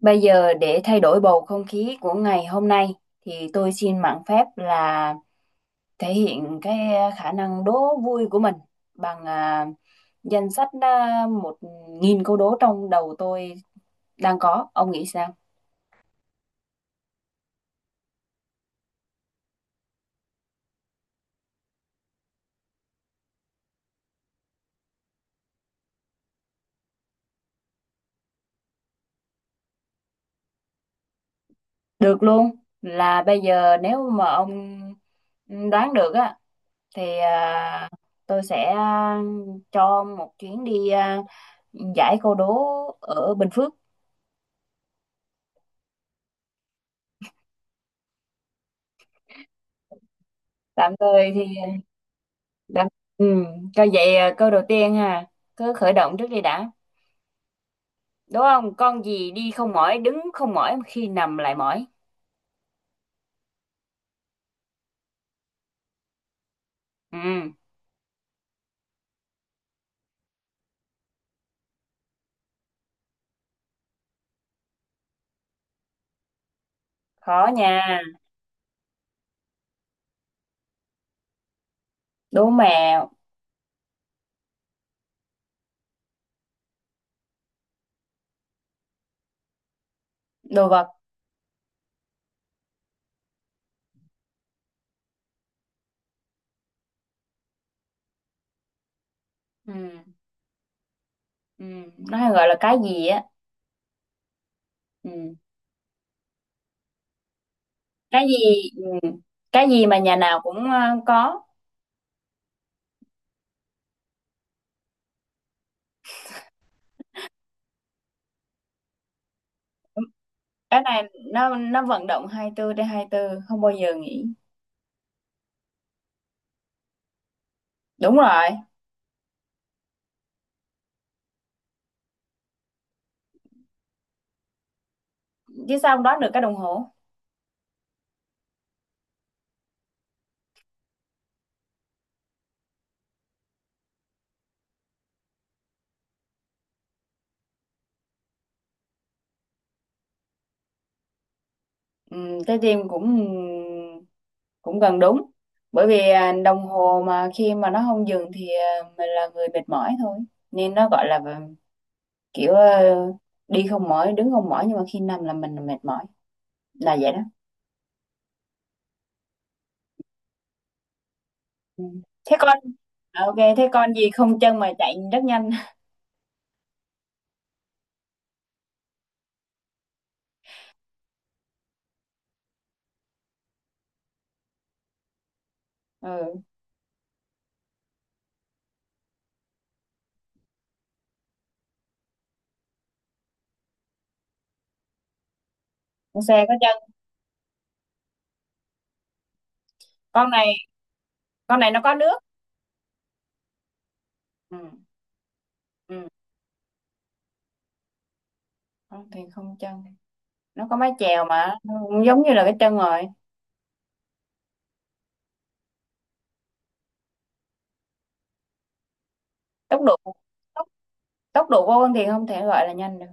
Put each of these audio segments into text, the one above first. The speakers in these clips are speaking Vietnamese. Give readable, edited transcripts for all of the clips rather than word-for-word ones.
Bây giờ để thay đổi bầu không khí của ngày hôm nay thì tôi xin mạn phép thể hiện khả năng đố vui của mình bằng danh sách một nghìn câu đố trong đầu tôi đang có. Ông nghĩ sao? Được luôn. Là bây giờ nếu mà ông đoán được á thì tôi sẽ cho ông một chuyến đi giải câu đố ở Bình Phước. Tạm thời thì đã. Ừ, coi vậy câu đầu tiên ha, cứ khởi động trước đi đã. Đúng không? Con gì đi không mỏi, đứng không mỏi mà khi nằm lại mỏi. Ừ, khó nha. Đố mẹo, đồ vật. Ừ, ừ, nó hay gọi là cái gì á. Ừ, cái gì ừ, cái gì mà nhà nào cũng có. Cái này nó vận động 24 trên hai mươi tư không bao giờ nghỉ. Đúng rồi, chứ sao không đoán được cái đồng hồ? Trái tim cũng cũng gần đúng bởi vì đồng hồ mà khi mà nó không dừng thì mình là người mệt mỏi thôi nên nó gọi là kiểu à, đi không mỏi đứng không mỏi nhưng mà khi nằm là mình mệt mỏi là vậy đó. Ừ. thế con thế con gì không chân mà chạy rất nhanh? Ừ, con xe có chân. Con này con này nó có nước. Ừ. Ừ, con thì không chân, nó có mái chèo mà nó cũng giống như là cái chân rồi. Tốc độ tốc, tốc độ của con thì không thể gọi là nhanh được.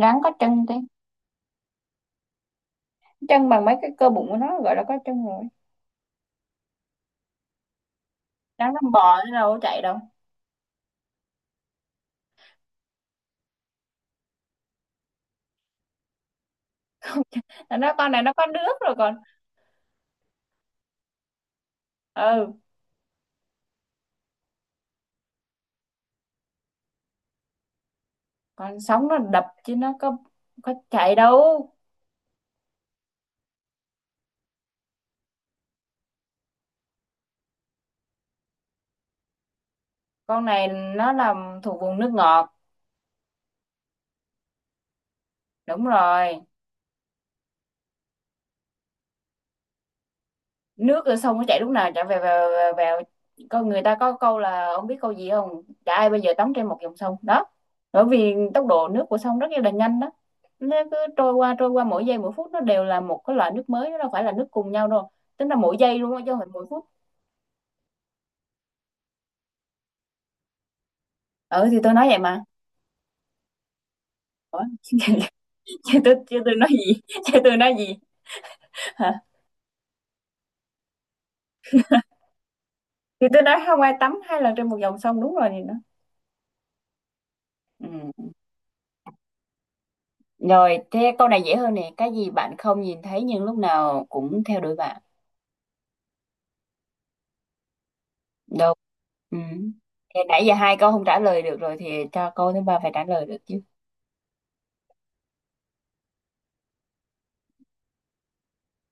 Rắn có chân tí, chân bằng mấy cái cơ bụng của nó gọi là có chân rồi. Rắn nó bò chứ đâu có chạy đâu. Nó nói con này nó có nước rồi còn. Ừ, còn sống nó đập chứ nó có chạy đâu. Con này nó làm thuộc vùng nước ngọt. Đúng rồi. Nước ở sông nó chảy, lúc nào chảy về vào vào, con người ta có câu là ông biết câu gì không, chả ai bây giờ tắm trên một dòng sông đó, bởi vì tốc độ nước của sông rất là nhanh đó, nó cứ trôi qua mỗi giây mỗi phút, nó đều là một cái loại nước mới, nó đâu phải là nước cùng nhau đâu. Tính là mỗi giây luôn á chứ không phải mỗi phút. Ừ thì tôi nói vậy mà. Ủa? Chứ tôi nói gì? Chứ tôi nói gì? Hả? Thì tôi nói không ai tắm hai lần trên một dòng sông đúng rồi thì nó. Ừ. Rồi thế câu này dễ hơn nè, cái gì bạn không nhìn thấy nhưng lúc nào cũng theo đuổi bạn. Đâu. Ừ. Thì nãy giờ hai câu không trả lời được rồi thì cho câu thứ ba phải trả lời được chứ.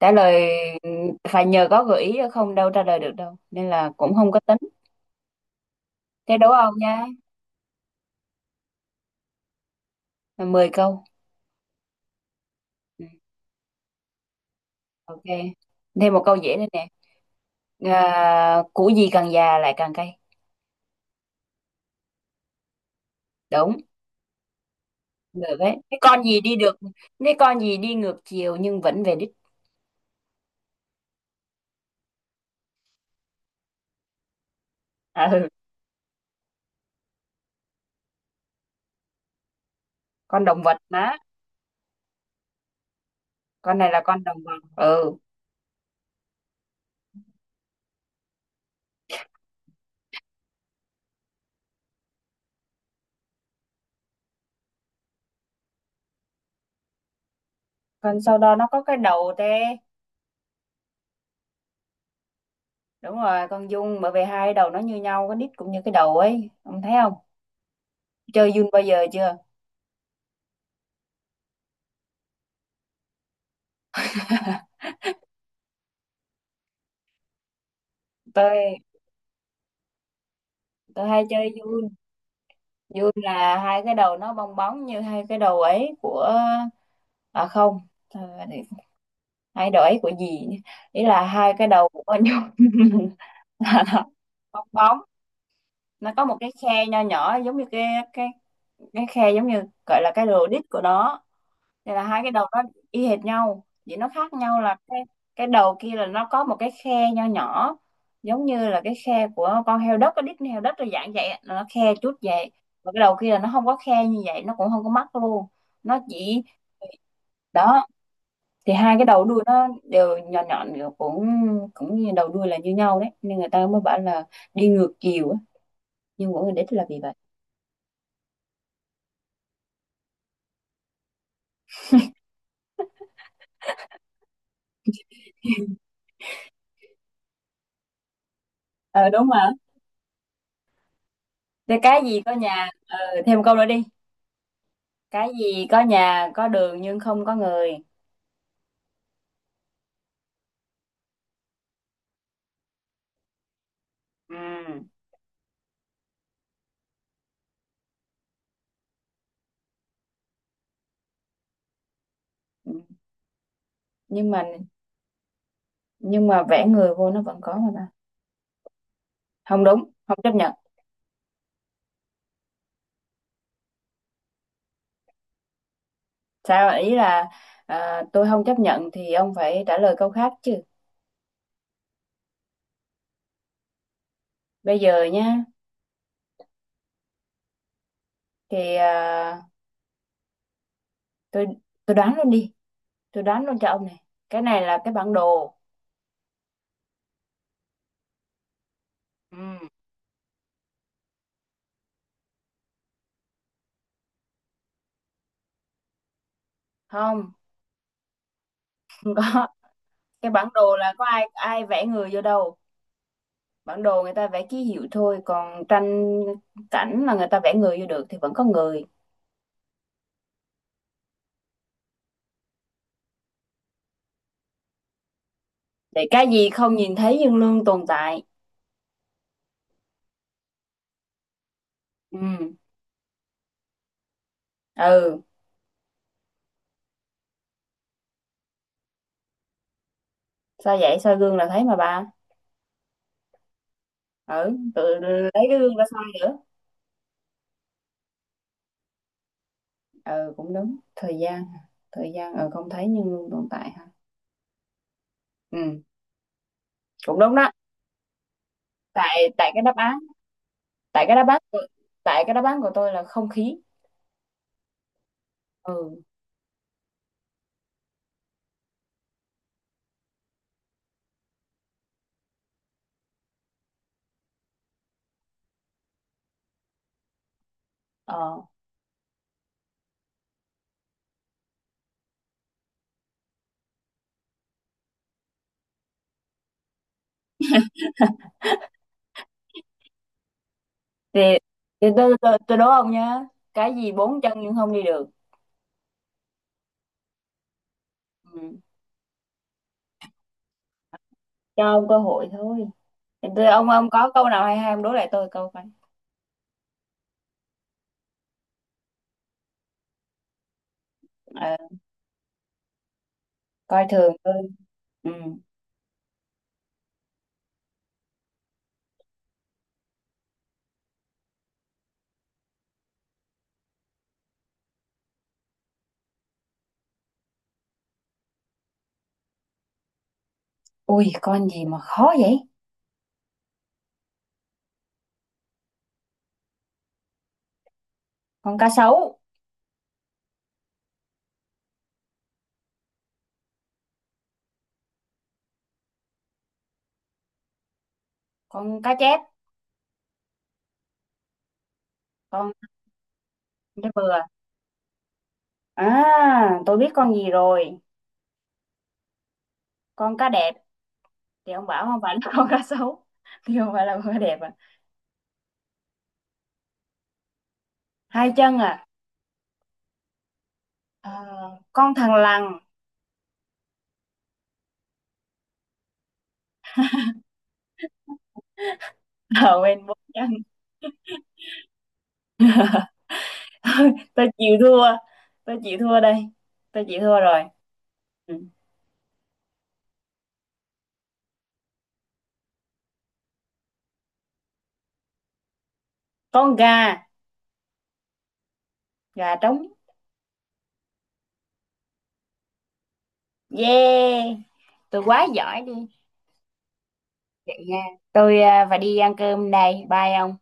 Trả lời, ừ, phải nhờ có gợi ý chứ không đâu trả lời được đâu. Nên là cũng không có tính. Thế đố ông nha. Mười câu. Ừ. Ok. Thêm một câu dễ nữa nè. À, củ gì càng già lại càng cay. Đúng. Được đấy. Cái con gì đi được. Cái con gì đi ngược chiều nhưng vẫn về đích. À, ừ. Con động vật má. Con này là con động vật. Ừ. Con sau đó nó có cái đầu tê. Đúng rồi, con Dung, bởi vì hai đầu nó như nhau, cái nít cũng như cái đầu ấy, ông thấy không? Chơi Dung bao giờ chưa? Tôi tôi hay chơi Dung. Dung là hai cái đầu nó bong bóng như hai cái đầu ấy của à không, ờ, để- hai đầu ấy của gì nhỉ? Ý là hai cái đầu của con Dung là bong bóng, nó có một cái khe nho nhỏ giống như cái cái khe, giống như gọi là cái rô đít của nó. Thì là hai cái đầu nó y hệt nhau, chỉ nó khác nhau là cái đầu kia là nó có một cái khe nho nhỏ giống như là cái khe của con heo đất, cái đít heo đất là dạng vậy á, nó khe chút vậy. Và cái đầu kia là nó không có khe như vậy, nó cũng không có mắt luôn, nó chỉ, đó. Thì hai cái đầu đuôi nó đều nhọn nhọn, đều cũng, cũng như đầu đuôi là như nhau đấy, nên người ta mới bảo là đi ngược chiều á nhưng mỗi người đích là vì vậy. Ờ đúng mà. Thế cái gì có nhà ờ, thêm câu nữa đi. Cái gì có nhà có đường nhưng không có người. Ừ. Ừ. Nhưng mà, nhưng mà vẽ người vô nó vẫn có mà ta. Không đúng, không chấp nhận. Sao ý là tôi không chấp nhận thì ông phải trả lời câu khác chứ. Bây giờ nhá, thì tôi tôi đoán luôn đi, tôi đoán luôn cho ông này, cái này là cái bản đồ. Ừ. không không có, cái bản đồ là có ai ai vẽ người vô đâu, bản đồ người ta vẽ ký hiệu thôi, còn tranh cảnh là người ta vẽ người vô được thì vẫn có người. Thì cái gì không nhìn thấy nhưng luôn tồn tại. Ừ. Ừ, sao vậy, soi gương là thấy mà bà. Ừ, tự lấy cái gương ra soi nữa. Ừ cũng đúng, thời gian, thời gian ừ không thấy nhưng luôn tồn tại ha. Ừ, cũng đúng đó. Tại tại cái đáp án tại cái đáp án tại cái đáp án của tôi là không khí. Ừ. Ờ thì, tôi đố ông nhá, cái gì bốn chân nhưng không đi được. Ừ. Cho ông cơ hội thôi. Thì tôi ông có câu nào hay hay ông đố lại tôi câu coi. Ừ, coi thường ơi. Ừ. Ui con gì mà khó vậy. Con cá sấu. Con cá chép. Con cá bừa. À, tôi biết con gì rồi. Con cá đẹp, thì ông bảo không phải là con cá sấu thì không phải là con cá đẹp à. Hai chân à, à con thằn lằn. Ở bên bốn chân. Tôi chịu thua, tôi chịu thua đây, tôi chịu thua rồi. Ừ. Con gà. Gà trống. Yeah, tôi quá giỏi đi. Vậy nha, tôi phải đi ăn cơm đây, bye ông.